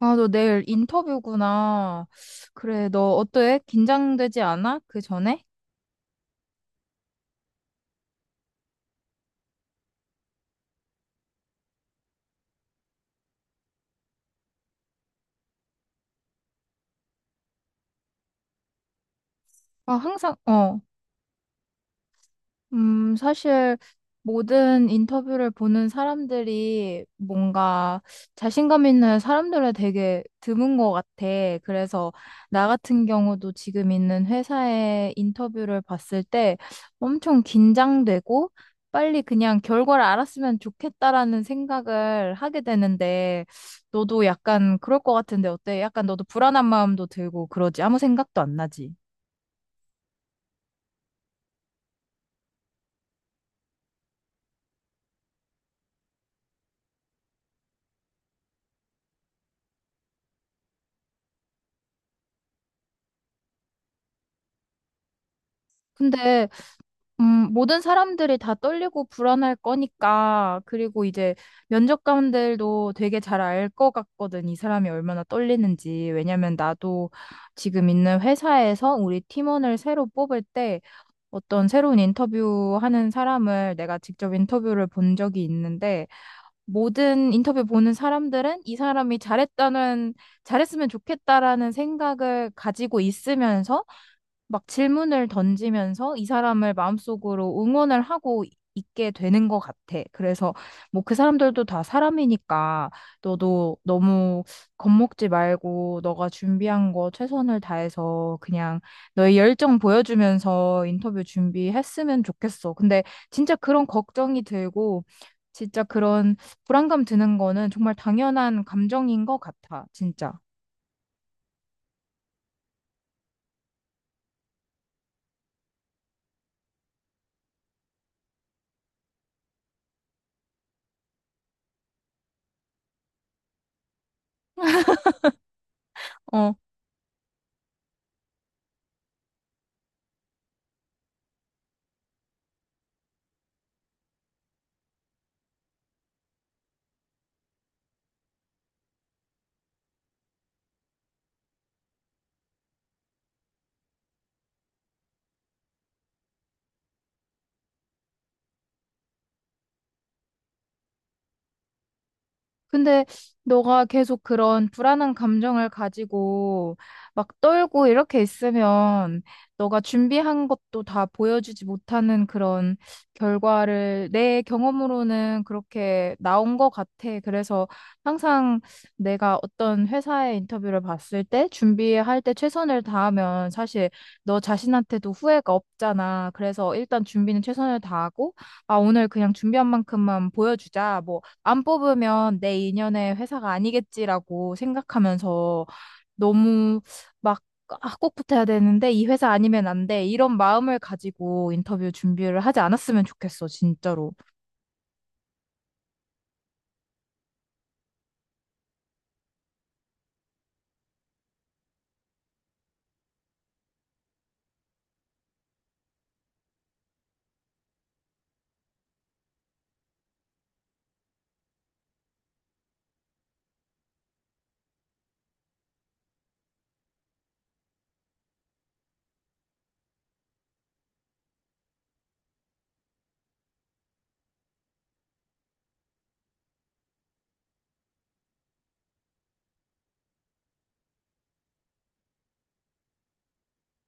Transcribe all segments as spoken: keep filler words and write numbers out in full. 아, 너 내일 인터뷰구나. 그래, 너 어때? 긴장되지 않아? 그 전에? 아, 항상, 어. 음, 사실 모든 인터뷰를 보는 사람들이 뭔가 자신감 있는 사람들은 되게 드문 것 같아. 그래서 나 같은 경우도 지금 있는 회사의 인터뷰를 봤을 때 엄청 긴장되고 빨리 그냥 결과를 알았으면 좋겠다라는 생각을 하게 되는데 너도 약간 그럴 것 같은데 어때? 약간 너도 불안한 마음도 들고 그러지? 아무 생각도 안 나지? 근데 음, 모든 사람들이 다 떨리고 불안할 거니까, 그리고 이제 면접관들도 되게 잘 알 것 같거든, 이 사람이 얼마나 떨리는지. 왜냐면 나도 지금 있는 회사에서 우리 팀원을 새로 뽑을 때 어떤 새로운 인터뷰 하는 사람을 내가 직접 인터뷰를 본 적이 있는데, 모든 인터뷰 보는 사람들은 이 사람이 잘했다는, 잘했으면 좋겠다라는 생각을 가지고 있으면서 막 질문을 던지면서 이 사람을 마음속으로 응원을 하고 있게 되는 것 같아. 그래서 뭐 그 사람들도 다 사람이니까 너도 너무 겁먹지 말고 너가 준비한 거 최선을 다해서 그냥 너의 열정 보여주면서 인터뷰 준비했으면 좋겠어. 근데 진짜 그런 걱정이 들고 진짜 그런 불안감 드는 거는 정말 당연한 감정인 것 같아. 진짜. 어 근데 너가 계속 그런 불안한 감정을 가지고 막 떨고 이렇게 있으면 너가 준비한 것도 다 보여주지 못하는 그런 결과를 내 경험으로는 그렇게 나온 것 같아. 그래서 항상 내가 어떤 회사의 인터뷰를 봤을 때 준비할 때 최선을 다하면 사실 너 자신한테도 후회가 없잖아. 그래서 일단 준비는 최선을 다하고 아, 오늘 그냥 준비한 만큼만 보여주자. 뭐 안 뽑으면 내 인연의 회사가 아니겠지라고 생각하면서 너무 막, 아, 꼭 붙어야 되는데 이 회사 아니면 안 돼. 이런 마음을 가지고 인터뷰 준비를 하지 않았으면 좋겠어, 진짜로.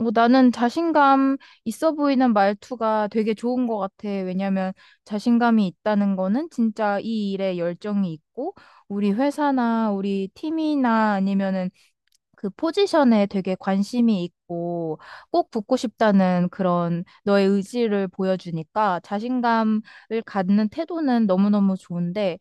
어, 나는 자신감 있어 보이는 말투가 되게 좋은 것 같아. 왜냐면 자신감이 있다는 거는 진짜 이 일에 열정이 있고 우리 회사나 우리 팀이나 아니면은 그 포지션에 되게 관심이 있고 꼭 붙고 싶다는 그런 너의 의지를 보여주니까 자신감을 갖는 태도는 너무너무 좋은데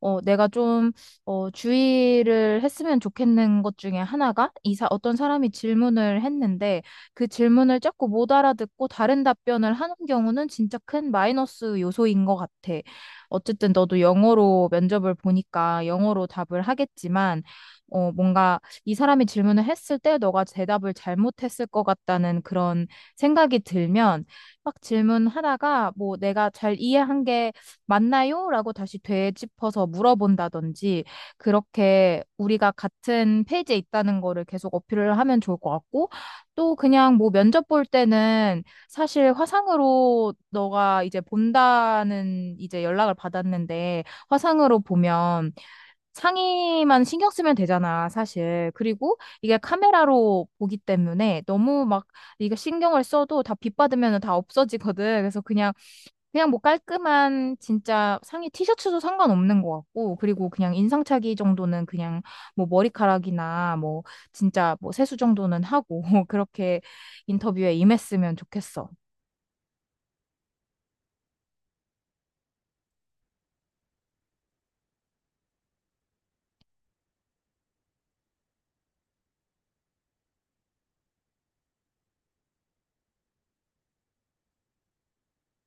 어, 내가 좀, 어, 주의를 했으면 좋겠는 것 중에 하나가, 이사, 어떤 사람이 질문을 했는데, 그 질문을 자꾸 못 알아듣고 다른 답변을 하는 경우는 진짜 큰 마이너스 요소인 것 같아. 어쨌든 너도 영어로 면접을 보니까 영어로 답을 하겠지만, 어, 뭔가 이 사람이 질문을 했을 때 너가 대답을 잘못했을 것 같다는 그런 생각이 들면, 막 질문하다가 뭐 내가 잘 이해한 게 맞나요? 라고 다시 되짚어서 물어본다든지, 그렇게 우리가 같은 페이지에 있다는 거를 계속 어필을 하면 좋을 것 같고, 또 그냥 뭐 면접 볼 때는 사실 화상으로 너가 이제 본다는 이제 연락을 받았는데, 화상으로 보면 상의만 신경 쓰면 되잖아, 사실. 그리고 이게 카메라로 보기 때문에 너무 막 이거 신경을 써도 다 빗받으면 다 없어지거든. 그래서 그냥 그냥 뭐 깔끔한 진짜 상의 티셔츠도 상관없는 것 같고, 그리고 그냥 인상착의 정도는 그냥 뭐 머리카락이나 뭐 진짜 뭐 세수 정도는 하고, 그렇게 인터뷰에 임했으면 좋겠어.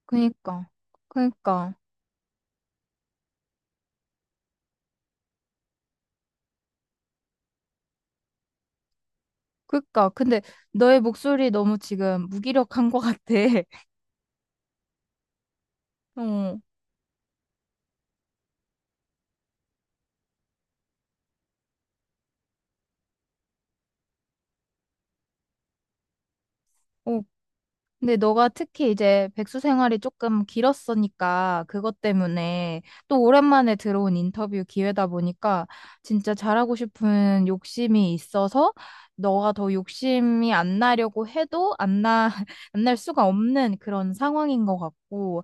그니까, 그니까, 그니까. 근데 너의 목소리 너무 지금 무기력한 것 같아. 어, 어, 근데 너가 특히 이제 백수 생활이 조금 길었으니까 그것 때문에 또 오랜만에 들어온 인터뷰 기회다 보니까 진짜 잘하고 싶은 욕심이 있어서 너가 더 욕심이 안 나려고 해도 안 나, 안 날 수가 없는 그런 상황인 것 같고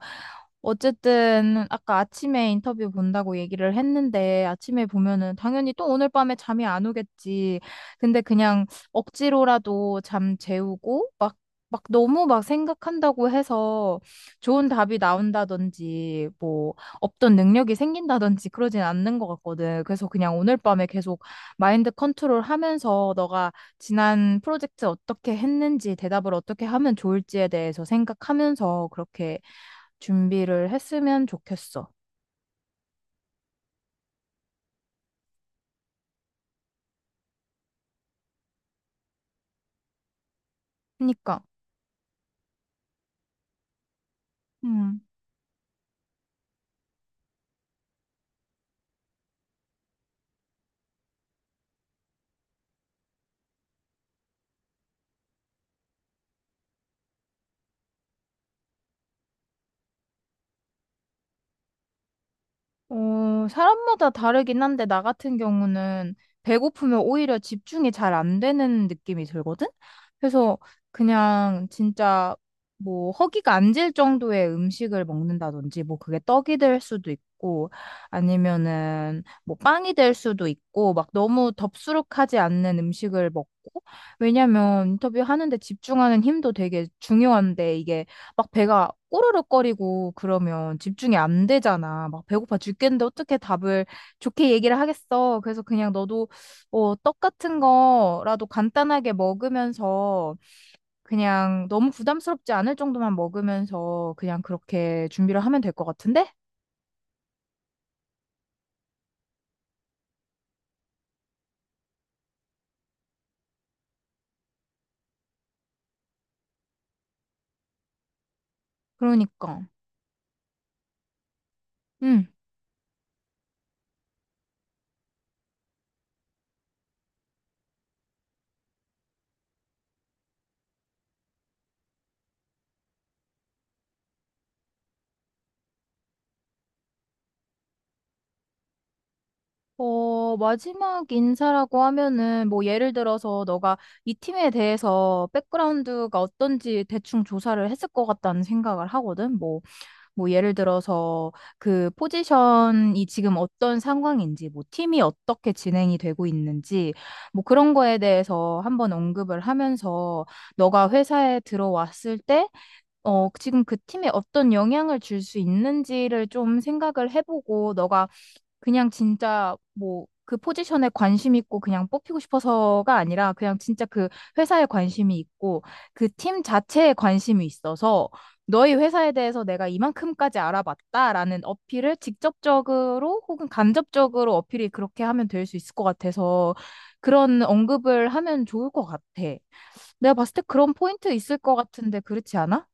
어쨌든 아까 아침에 인터뷰 본다고 얘기를 했는데 아침에 보면은 당연히 또 오늘 밤에 잠이 안 오겠지. 근데 그냥 억지로라도 잠 재우고 막 막 너무 막 생각한다고 해서 좋은 답이 나온다든지 뭐 없던 능력이 생긴다든지 그러진 않는 것 같거든. 그래서 그냥 오늘 밤에 계속 마인드 컨트롤 하면서 너가 지난 프로젝트 어떻게 했는지 대답을 어떻게 하면 좋을지에 대해서 생각하면서 그렇게 준비를 했으면 좋겠어. 그러니까. 음. 어, 사람마다 다르긴 한데, 나 같은 경우는 배고프면 오히려 집중이 잘 안 되는 느낌이 들거든? 그래서 그냥 진짜 뭐 허기가 안 질 정도의 음식을 먹는다든지, 뭐 그게 떡이 될 수도 있고, 아니면은 뭐 빵이 될 수도 있고, 막 너무 덥수룩하지 않는 음식을 먹고, 왜냐면 인터뷰하는데 집중하는 힘도 되게 중요한데, 이게 막 배가 꼬르륵거리고 그러면 집중이 안 되잖아. 막 배고파 죽겠는데 어떻게 답을 좋게 얘기를 하겠어. 그래서 그냥 너도 어, 떡 같은 거라도 간단하게 먹으면서 그냥 너무 부담스럽지 않을 정도만 먹으면서 그냥 그렇게 준비를 하면 될 것 같은데? 그러니까. 응. 어, 마지막 인사라고 하면은 뭐 예를 들어서 너가 이 팀에 대해서 백그라운드가 어떤지 대충 조사를 했을 것 같다는 생각을 하거든. 뭐 뭐 예를 들어서 그 포지션이 지금 어떤 상황인지, 뭐 팀이 어떻게 진행이 되고 있는지, 뭐 그런 거에 대해서 한번 언급을 하면서 너가 회사에 들어왔을 때, 어, 지금 그 팀에 어떤 영향을 줄 수 있는지를 좀 생각을 해보고 너가 그냥 진짜 뭐 그 포지션에 관심 있고 그냥 뽑히고 싶어서가 아니라 그냥 진짜 그 회사에 관심이 있고 그 팀 자체에 관심이 있어서 너희 회사에 대해서 내가 이만큼까지 알아봤다라는 어필을 직접적으로 혹은 간접적으로 어필이 그렇게 하면 될 수 있을 것 같아서 그런 언급을 하면 좋을 것 같아. 내가 봤을 때 그런 포인트 있을 것 같은데 그렇지 않아?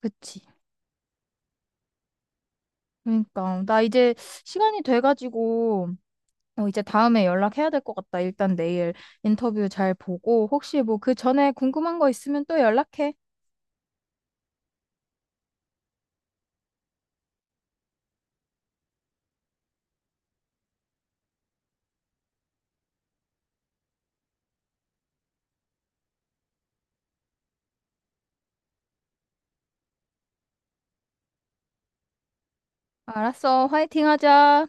그치. 그러니까 나 이제 시간이 돼가지고 어, 이제 다음에 연락해야 될 것 같다. 일단 내일 인터뷰 잘 보고, 혹시 뭐 그 전에 궁금한 거 있으면 또 연락해. 알았어. 화이팅 하자.